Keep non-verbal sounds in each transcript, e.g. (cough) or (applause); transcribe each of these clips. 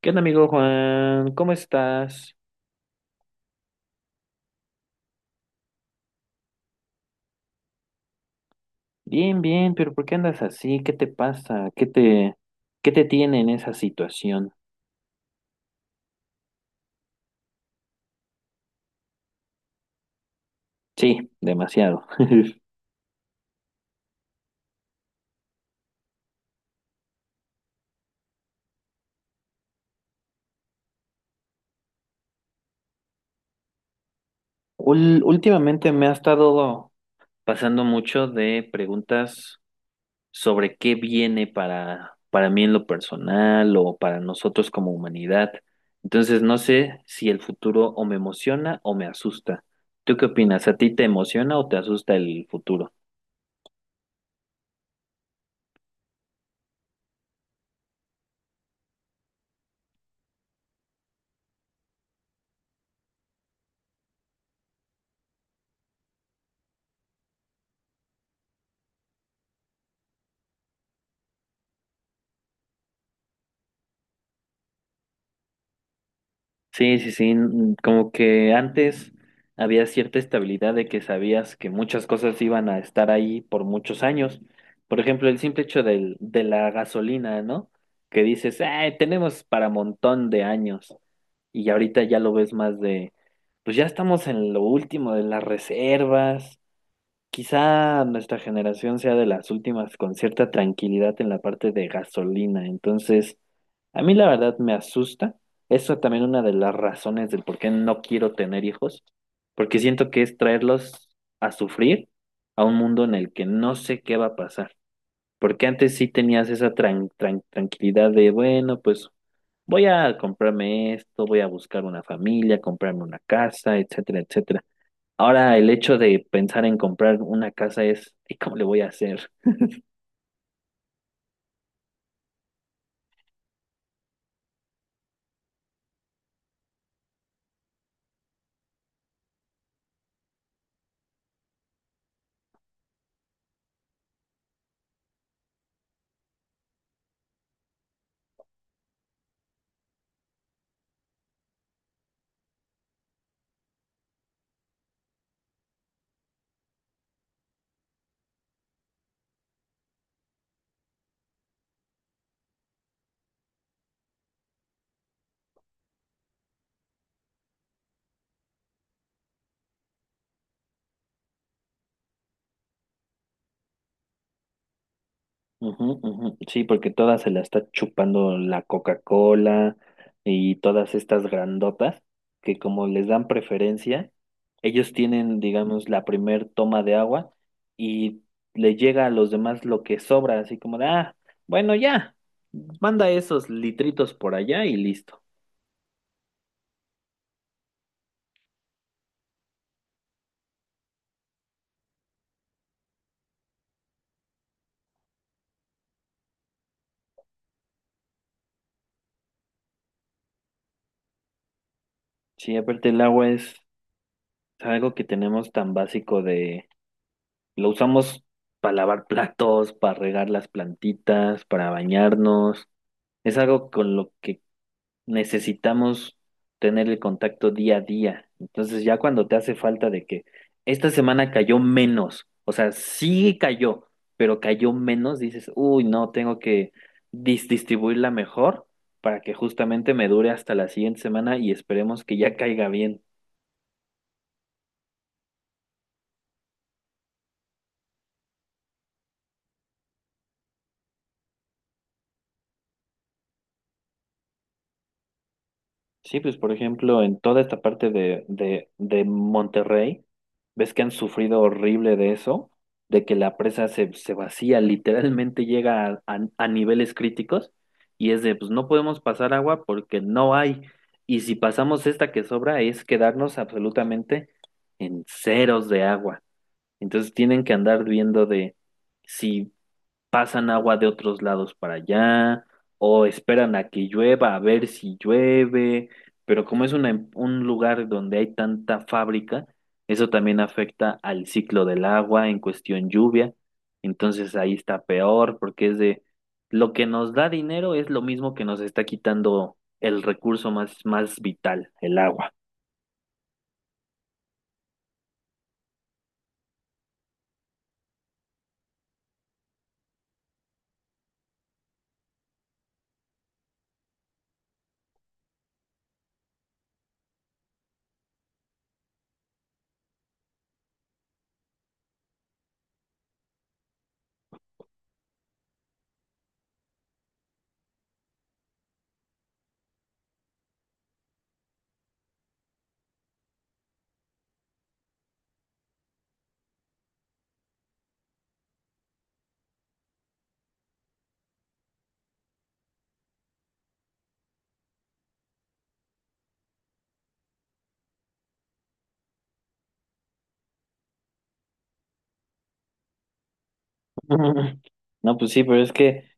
¿Qué onda, amigo Juan? ¿Cómo estás? Bien, bien, pero ¿por qué andas así? ¿Qué te pasa? ¿Qué te tiene en esa situación? Sí, demasiado. (laughs) Últimamente me ha estado pasando mucho de preguntas sobre qué viene para mí en lo personal o para nosotros como humanidad. Entonces no sé si el futuro o me emociona o me asusta. ¿Tú qué opinas? ¿A ti te emociona o te asusta el futuro? Sí, sí, sí, como que antes había cierta estabilidad de que sabías que muchas cosas iban a estar ahí por muchos años. Por ejemplo, el simple hecho de la gasolina, ¿no? Que dices, "Ay, tenemos para montón de años". Y ahorita ya lo ves más de, pues ya estamos en lo último de las reservas. Quizá nuestra generación sea de las últimas con cierta tranquilidad en la parte de gasolina, entonces a mí la verdad me asusta. Eso también una de las razones del por qué no quiero tener hijos, porque siento que es traerlos a sufrir a un mundo en el que no sé qué va a pasar. Porque antes sí tenías esa tranquilidad de, bueno, pues voy a comprarme esto, voy a buscar una familia, comprarme una casa, etcétera, etcétera. Ahora el hecho de pensar en comprar una casa es, ¿y cómo le voy a hacer? Ujú, ujú. Sí, porque todas se la está chupando la Coca-Cola y todas estas grandotas que como les dan preferencia, ellos tienen, digamos, la primer toma de agua y le llega a los demás lo que sobra, así como de, ah, bueno, ya, manda esos litritos por allá y listo. Sí, aparte el agua es algo que tenemos tan básico de. Lo usamos para lavar platos, para regar las plantitas, para bañarnos. Es algo con lo que necesitamos tener el contacto día a día. Entonces ya cuando te hace falta de que esta semana cayó menos, o sea, sí cayó, pero cayó menos, dices, uy, no, tengo que distribuirla mejor para que justamente me dure hasta la siguiente semana y esperemos que ya caiga bien. Sí, pues por ejemplo, en toda esta parte de Monterrey, ves que han sufrido horrible de eso, de que la presa se vacía, literalmente llega a niveles críticos y es de, pues no podemos pasar agua porque no hay. Y si pasamos esta que sobra es quedarnos absolutamente en ceros de agua. Entonces tienen que andar viendo de si pasan agua de otros lados para allá, o esperan a que llueva a ver si llueve, pero como es una un lugar donde hay tanta fábrica, eso también afecta al ciclo del agua en cuestión lluvia, entonces ahí está peor porque es de lo que nos da dinero es lo mismo que nos está quitando el recurso más, más vital, el agua. (laughs) No, pues sí, pero es que...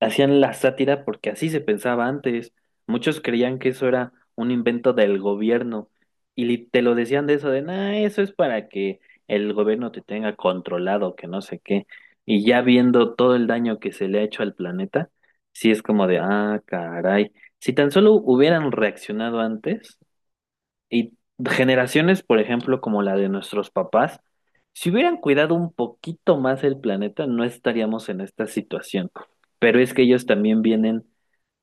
Hacían la sátira porque así se pensaba antes. Muchos creían que eso era un invento del gobierno y te lo decían de eso de, nah, eso es para que el gobierno te tenga controlado, que no sé qué. Y ya viendo todo el daño que se le ha hecho al planeta, sí es como de, ah, caray, si tan solo hubieran reaccionado antes. Y generaciones, por ejemplo, como la de nuestros papás, si hubieran cuidado un poquito más el planeta, no estaríamos en esta situación. Pero es que ellos también vienen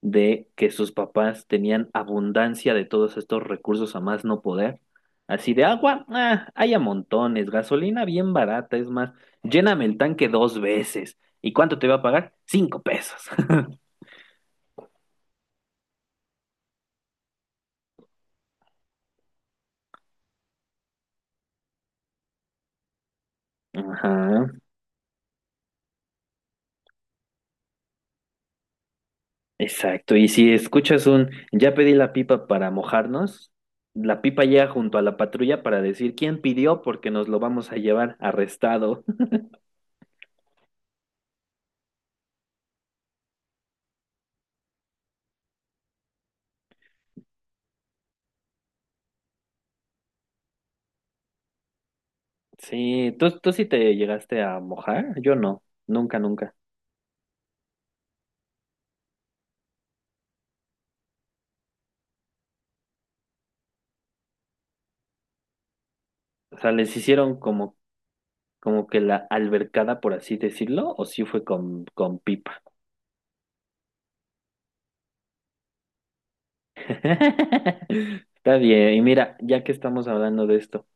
de que sus papás tenían abundancia de todos estos recursos a más no poder. Así de agua, ah, hay a montones, gasolina bien barata, es más, lléname el tanque dos veces. ¿Y cuánto te va a pagar? 5 pesos. (laughs) Ajá. Exacto, y si escuchas un ya pedí la pipa para mojarnos, la pipa llega junto a la patrulla para decir quién pidió porque nos lo vamos a llevar arrestado. (laughs) Sí, ¿tú sí te llegaste a mojar? Yo no, nunca, nunca. O sea, ¿les hicieron como que la albercada, por así decirlo, o sí fue con pipa? (laughs) Está bien, y mira, ya que estamos hablando de esto,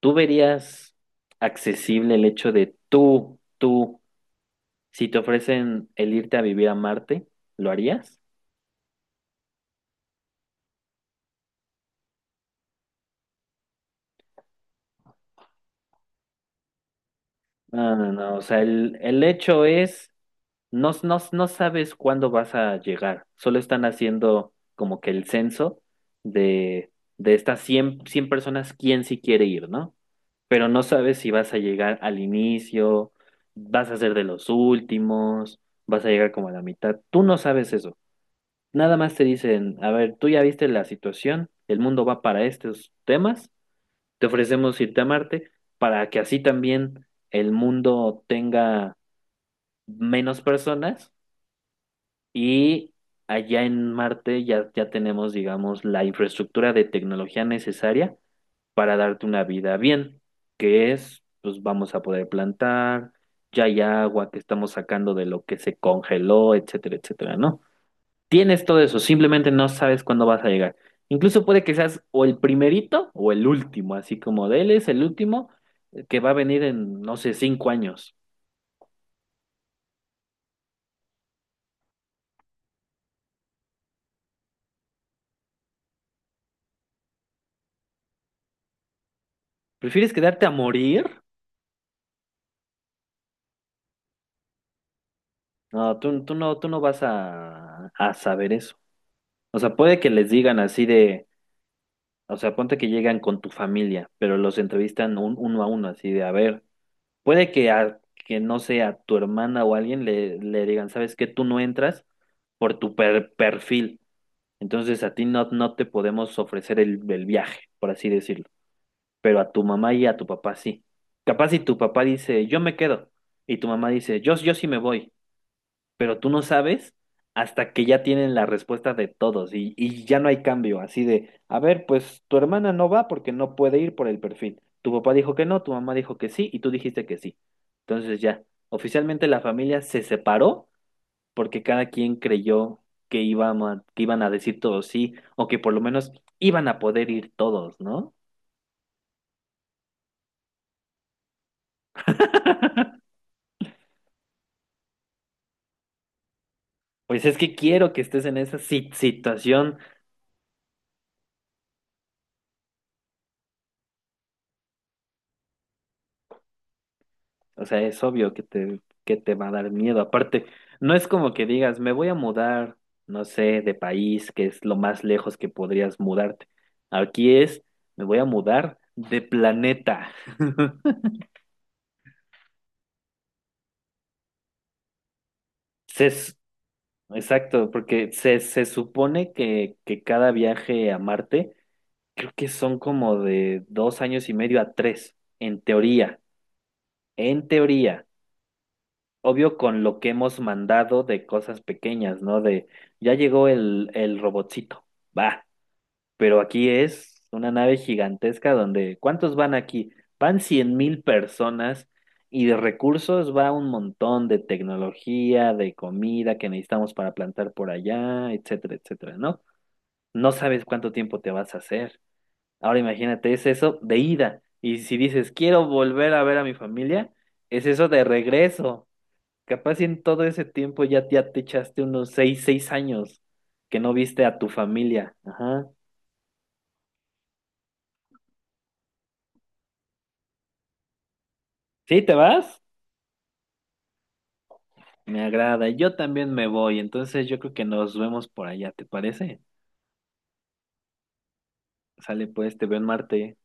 ¿tú verías accesible el hecho de tú? Si te ofrecen el irte a vivir a Marte, ¿lo harías? No, no, no. O sea, el hecho es, no, no, no sabes cuándo vas a llegar. Solo están haciendo como que el censo de, de estas cien personas, quién sí quiere ir, ¿no? Pero no sabes si vas a llegar al inicio, vas a ser de los últimos, vas a llegar como a la mitad. Tú no sabes eso. Nada más te dicen, a ver, tú ya viste la situación, el mundo va para estos temas. Te ofrecemos irte a Marte para que así también el mundo tenga menos personas y allá en Marte ya tenemos, digamos, la infraestructura de tecnología necesaria para darte una vida bien, que es, pues vamos a poder plantar, ya hay agua que estamos sacando de lo que se congeló, etcétera, etcétera, ¿no? Tienes todo eso, simplemente no sabes cuándo vas a llegar. Incluso puede que seas o el primerito o el último, así como de él es el último que va a venir en, no sé, 5 años. ¿Prefieres quedarte a morir? No, tú no, tú no vas a saber eso. O sea, puede que les digan así de, o sea, ponte que llegan con tu familia, pero los entrevistan uno a uno, así de, a ver, puede que que no sea tu hermana o alguien le digan, ¿sabes qué? Tú no entras por tu perfil. Entonces a ti no te podemos ofrecer el viaje, por así decirlo, pero a tu mamá y a tu papá sí. Capaz si tu papá dice, yo me quedo, y tu mamá dice, yo sí me voy, pero tú no sabes hasta que ya tienen la respuesta de todos y ya no hay cambio, así de, a ver, pues tu hermana no va porque no puede ir por el perfil. Tu papá dijo que no, tu mamá dijo que sí y tú dijiste que sí. Entonces ya, oficialmente la familia se separó porque cada quien creyó que que iban a decir todos sí, o que por lo menos iban a poder ir todos, ¿no? (laughs) Pues es que quiero que estés en esa situación, o sea, es obvio que te va a dar miedo. Aparte, no es como que digas, me voy a mudar, no sé, de país, que es lo más lejos que podrías mudarte. Aquí es, me voy a mudar de planeta. (laughs) Se, s- exacto, porque se supone que cada viaje a Marte creo que son como de 2 años y medio a tres, en teoría, en teoría. Obvio con lo que hemos mandado de cosas pequeñas, ¿no? De ya llegó el robotcito, va, pero aquí es una nave gigantesca donde, ¿cuántos van aquí? Van 100.000 personas y de recursos va un montón de tecnología, de comida que necesitamos para plantar por allá, etcétera, etcétera, ¿no? No sabes cuánto tiempo te vas a hacer. Ahora imagínate, es eso de ida. Y si dices, quiero volver a ver a mi familia, es eso de regreso. Capaz y en todo ese tiempo ya te echaste unos seis años que no viste a tu familia. Ajá. ¿Sí, te vas? Me agrada. Yo también me voy. Entonces yo creo que nos vemos por allá, ¿te parece? Sale pues, te veo en Marte.